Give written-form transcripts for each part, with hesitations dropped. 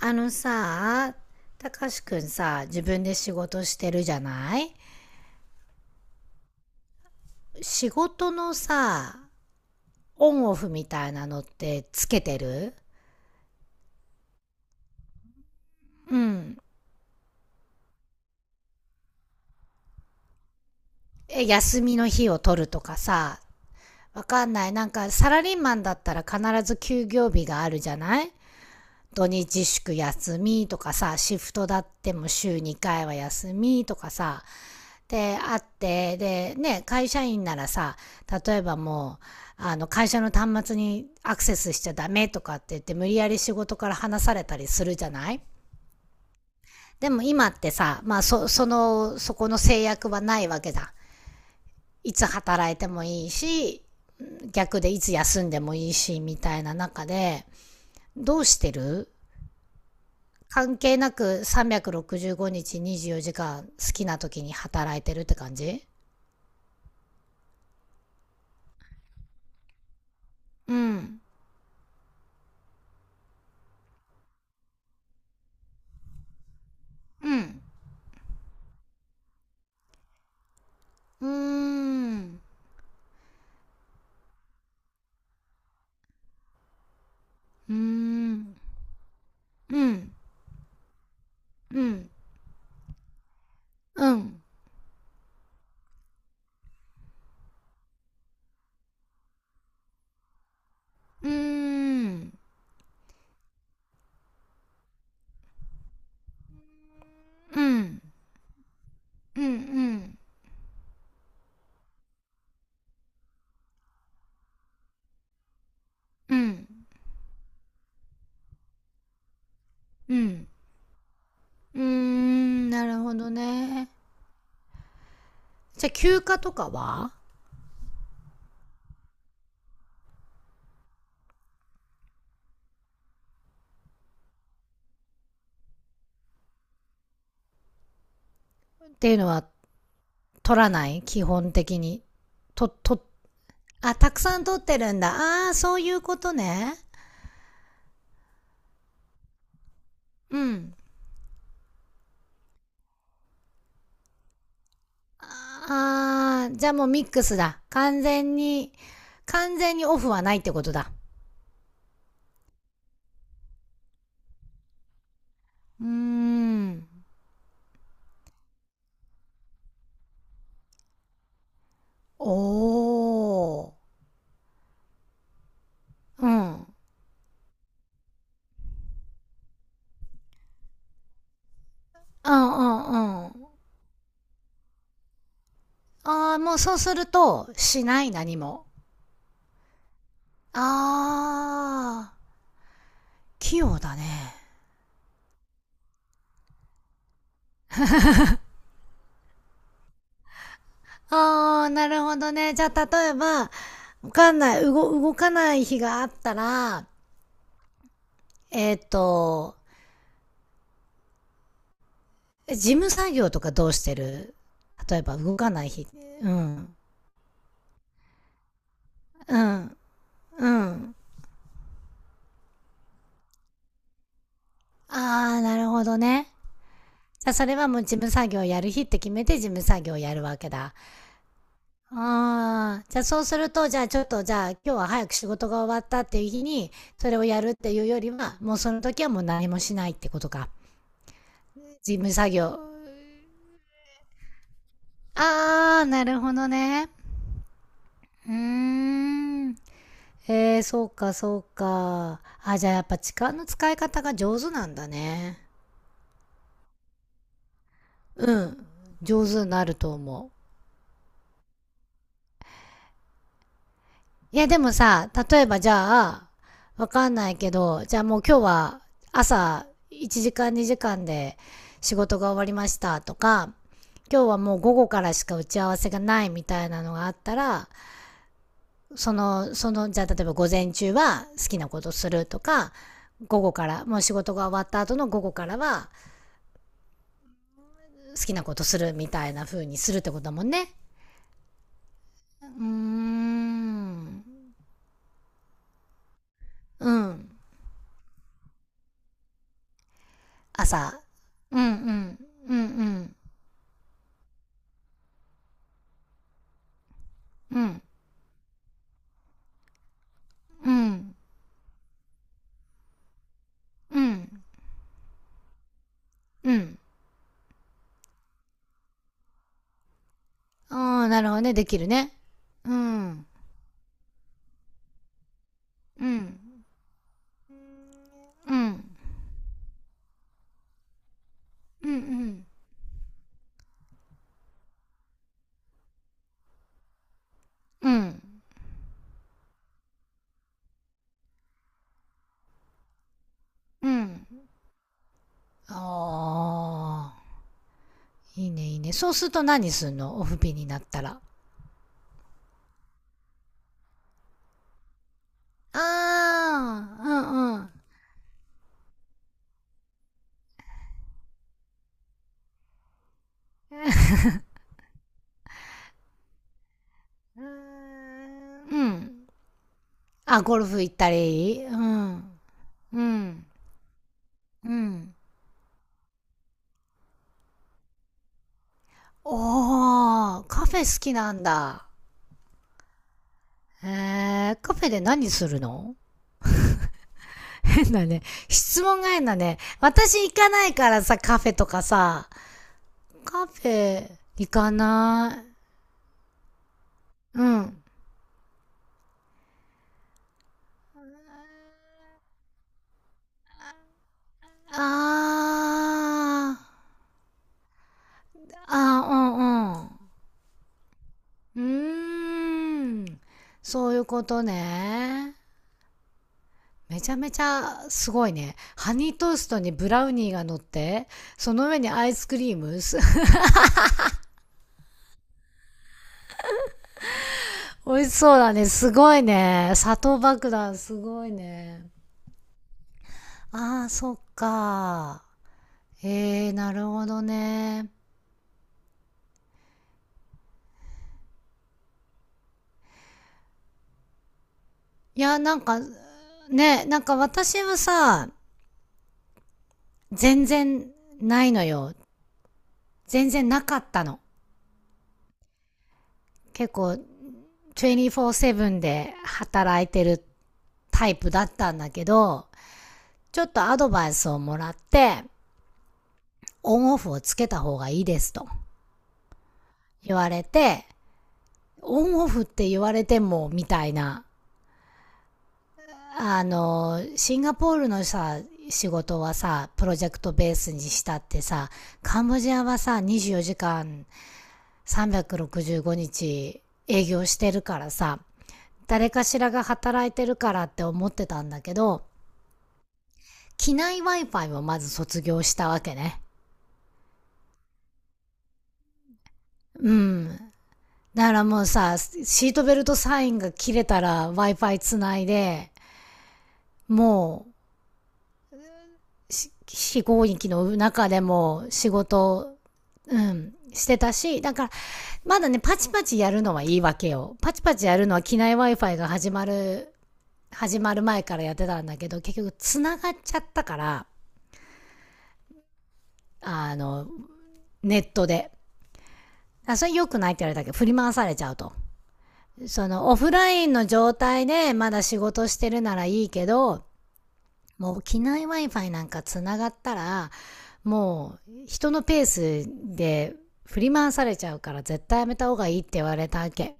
あのさ、たかしくんさ、自分で仕事してるじゃない。仕事のさ、オンオフみたいなのってつけてる？うん。え、休みの日を取るとかさ、わかんない。なんかサラリーマンだったら必ず休業日があるじゃない。土日祝休みとかさ、シフトだっても週2回は休みとかさ、で、あって、で、ね、会社員ならさ、例えばもう、あの、会社の端末にアクセスしちゃダメとかって言って、無理やり仕事から離されたりするじゃない。でも今ってさ、まあ、そのそこの制約はないわけだ。いつ働いてもいいし、逆でいつ休んでもいいし、みたいな中で、どうしてる？関係なく365日24時間好きな時に働いてるって感じ。うん。うん。うーん。うーん、うん、うん、うん、うーん、うん、うん、うん、うん、うん、うーん、なるほどね。じゃあ休暇とかは？っていうのは？取らない基本的に？と、と、あ、たくさん取ってるんだ。ああ、そういうことね。うん。ああ、じゃあもうミックスだ。完全に、完全にオフはないってことだ。うーん。おー。うん。うんうんうん。ああ、もうそうすると、しない何も。ああ、器用だね。ああ、なるほどね。じゃあ、例えば、わかんない、動かない日があったら、えっ、ーと、事務作業とかどうしてる？例えば動かない日。うん。うん。うん。ああ、なるほどね。じゃあ、それはもう事務作業やる日って決めて事務作業やるわけだ。ああ、じゃあそうすると、じゃあちょっと、じゃあ今日は早く仕事が終わったっていう日に、それをやるっていうよりは、もうその時はもう何もしないってことか。事務作業。ああ、なるほどね。うーん。えー、そうか、そうか。あ、じゃあやっぱ時間の使い方が上手なんだね。うん。上手になると思う。いやでもさ、例えばじゃあ、わかんないけど、じゃあもう今日は朝1時間2時間で仕事が終わりましたとか、今日はもう午後からしか打ち合わせがないみたいなのがあったら、そのじゃあ例えば午前中は好きなことするとか、午後から、もう仕事が終わった後の午後からは好きなことするみたいな風にするってことだもんね。うーん。うん。朝。うんうん。うんうん。うん。うん。うん。うん。ああ、なるほどね。できるね。うん。うん。うん。うん。うん。うん。うん。ああ。いいね、いいね。そうすると何すんの、オフピンになったら。ああ。うんうん。うん。あ、ゴルフ行ったり。うん。うん。うん。おー、カフェ好きなんだ。えー、カフェで何するの？変だね。質問が変だね。私行かないからさ、カフェとかさ。カフェ、行かない。うん。あー。あー、うんうん。うーん。そういうことね。めちゃめちゃすごいね。ハニートーストにブラウニーが乗って、その上にアイスクリーム。 美味しそうだね。すごいね。砂糖爆弾すごいね。ああ、そっか。へえ、なるほどね。いや、なんか、ね、なんか私はさ、全然ないのよ。全然なかったの。結構、24-7で働いてるタイプだったんだけど、ちょっとアドバイスをもらって、オンオフをつけた方がいいですと言われて、オンオフって言われてもみたいな。あの、シンガポールのさ、仕事はさ、プロジェクトベースにしたってさ、カンボジアはさ、24時間365日営業してるからさ、誰かしらが働いてるからって思ってたんだけど、機内 Wi-Fi をまず卒業したわけね。うん。だからもうさ、シートベルトサインが切れたら Wi-Fi つないで、も飛非合域の中でも仕事、うん、してたし、だから、まだね、パチパチやるのはいいわけよ。パチパチやるのは機内 Wi-Fi が始まる前からやってたんだけど、結局繋がっちゃったから、あの、ネットで。あ、それ良くないって言われたけど、振り回されちゃうと。その、オフラインの状態でまだ仕事してるならいいけど、もう機内 Wi-Fi なんかつながったら、もう人のペースで振り回されちゃうから絶対やめた方がいいって言われたわけ。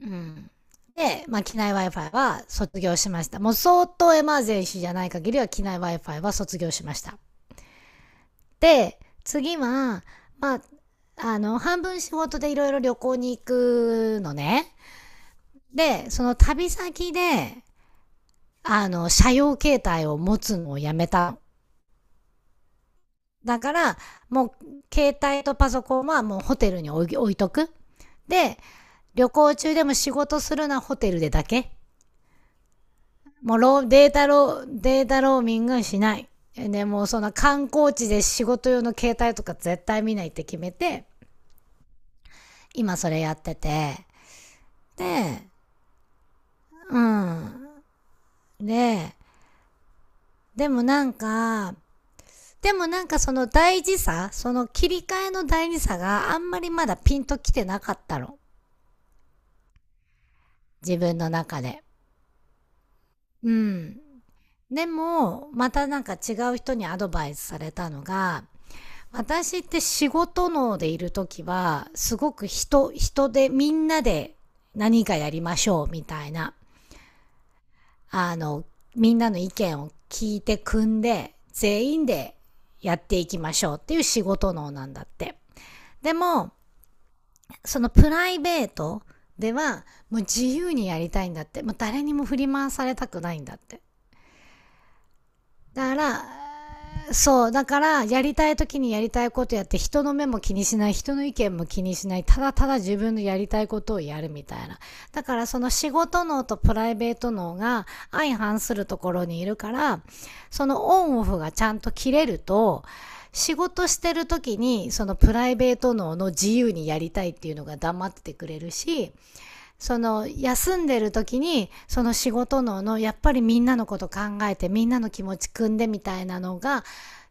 うん。で、まあ、機内 Wi-Fi は卒業しました。もう相当エマージェンシーじゃない限りは機内 Wi-Fi は卒業しました。で、次は、まあ、あの、半分仕事でいろいろ旅行に行くのね。で、その旅先で、あの、車用携帯を持つのをやめた。だから、もう、携帯とパソコンはもうホテルに置いとく。で、旅行中でも仕事するのはホテルでだけ。もうロー、データロー、データローミングしない。で、もうその観光地で仕事用の携帯とか絶対見ないって決めて、今それやってて。で、うん。で、でもなんか、でもなんかその大事さ、その切り替えの大事さがあんまりまだピンときてなかったの。自分の中で。うん。でも、またなんか違う人にアドバイスされたのが、私って仕事能でいるときは、すごく人でみんなで何かやりましょうみたいな、あの、みんなの意見を聞いて組んで、全員でやっていきましょうっていう仕事能なんだって。でも、そのプライベートでは、もう自由にやりたいんだって。もう誰にも振り回されたくないんだって。だから、そう、だから、やりたい時にやりたいことやって、人の目も気にしない、人の意見も気にしない、ただただ自分のやりたいことをやるみたいな。だから、その仕事脳とプライベート脳が相反するところにいるから、そのオンオフがちゃんと切れると、仕事してる時に、そのプライベート脳の自由にやりたいっていうのが黙っててくれるし、その休んでる時にその仕事ののやっぱりみんなのこと考えてみんなの気持ち汲んでみたいなのが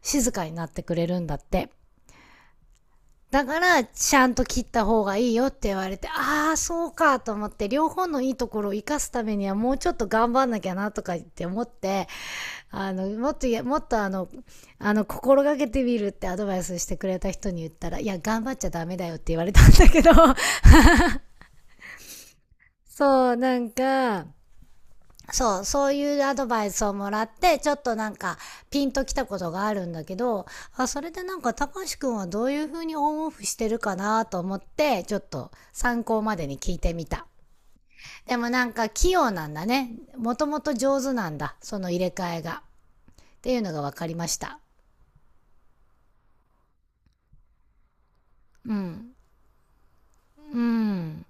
静かになってくれるんだって。だからちゃんと切った方がいいよって言われて、ああそうかと思って、両方のいいところを生かすためにはもうちょっと頑張んなきゃなとか言って思って、もっともっと心がけてみるってアドバイスしてくれた人に言ったら、いや頑張っちゃダメだよって言われたんだけど。 そうなんかそういうアドバイスをもらって、ちょっとなんか、ピンときたことがあるんだけど、あ、それでなんか、たかしくんはどういう風にオンオフしてるかなと思って、ちょっと参考までに聞いてみた。でもなんか、器用なんだね。もともと上手なんだ。その入れ替えが。っていうのが分かりました。うん。うん。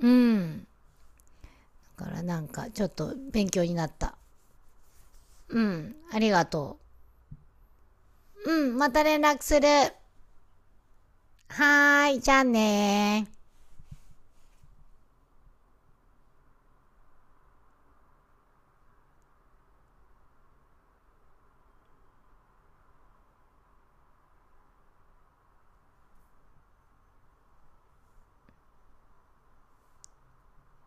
うん。だからなんか、ちょっと勉強になった。うん。ありがとう。うん。また連絡する。はーい。じゃあねー。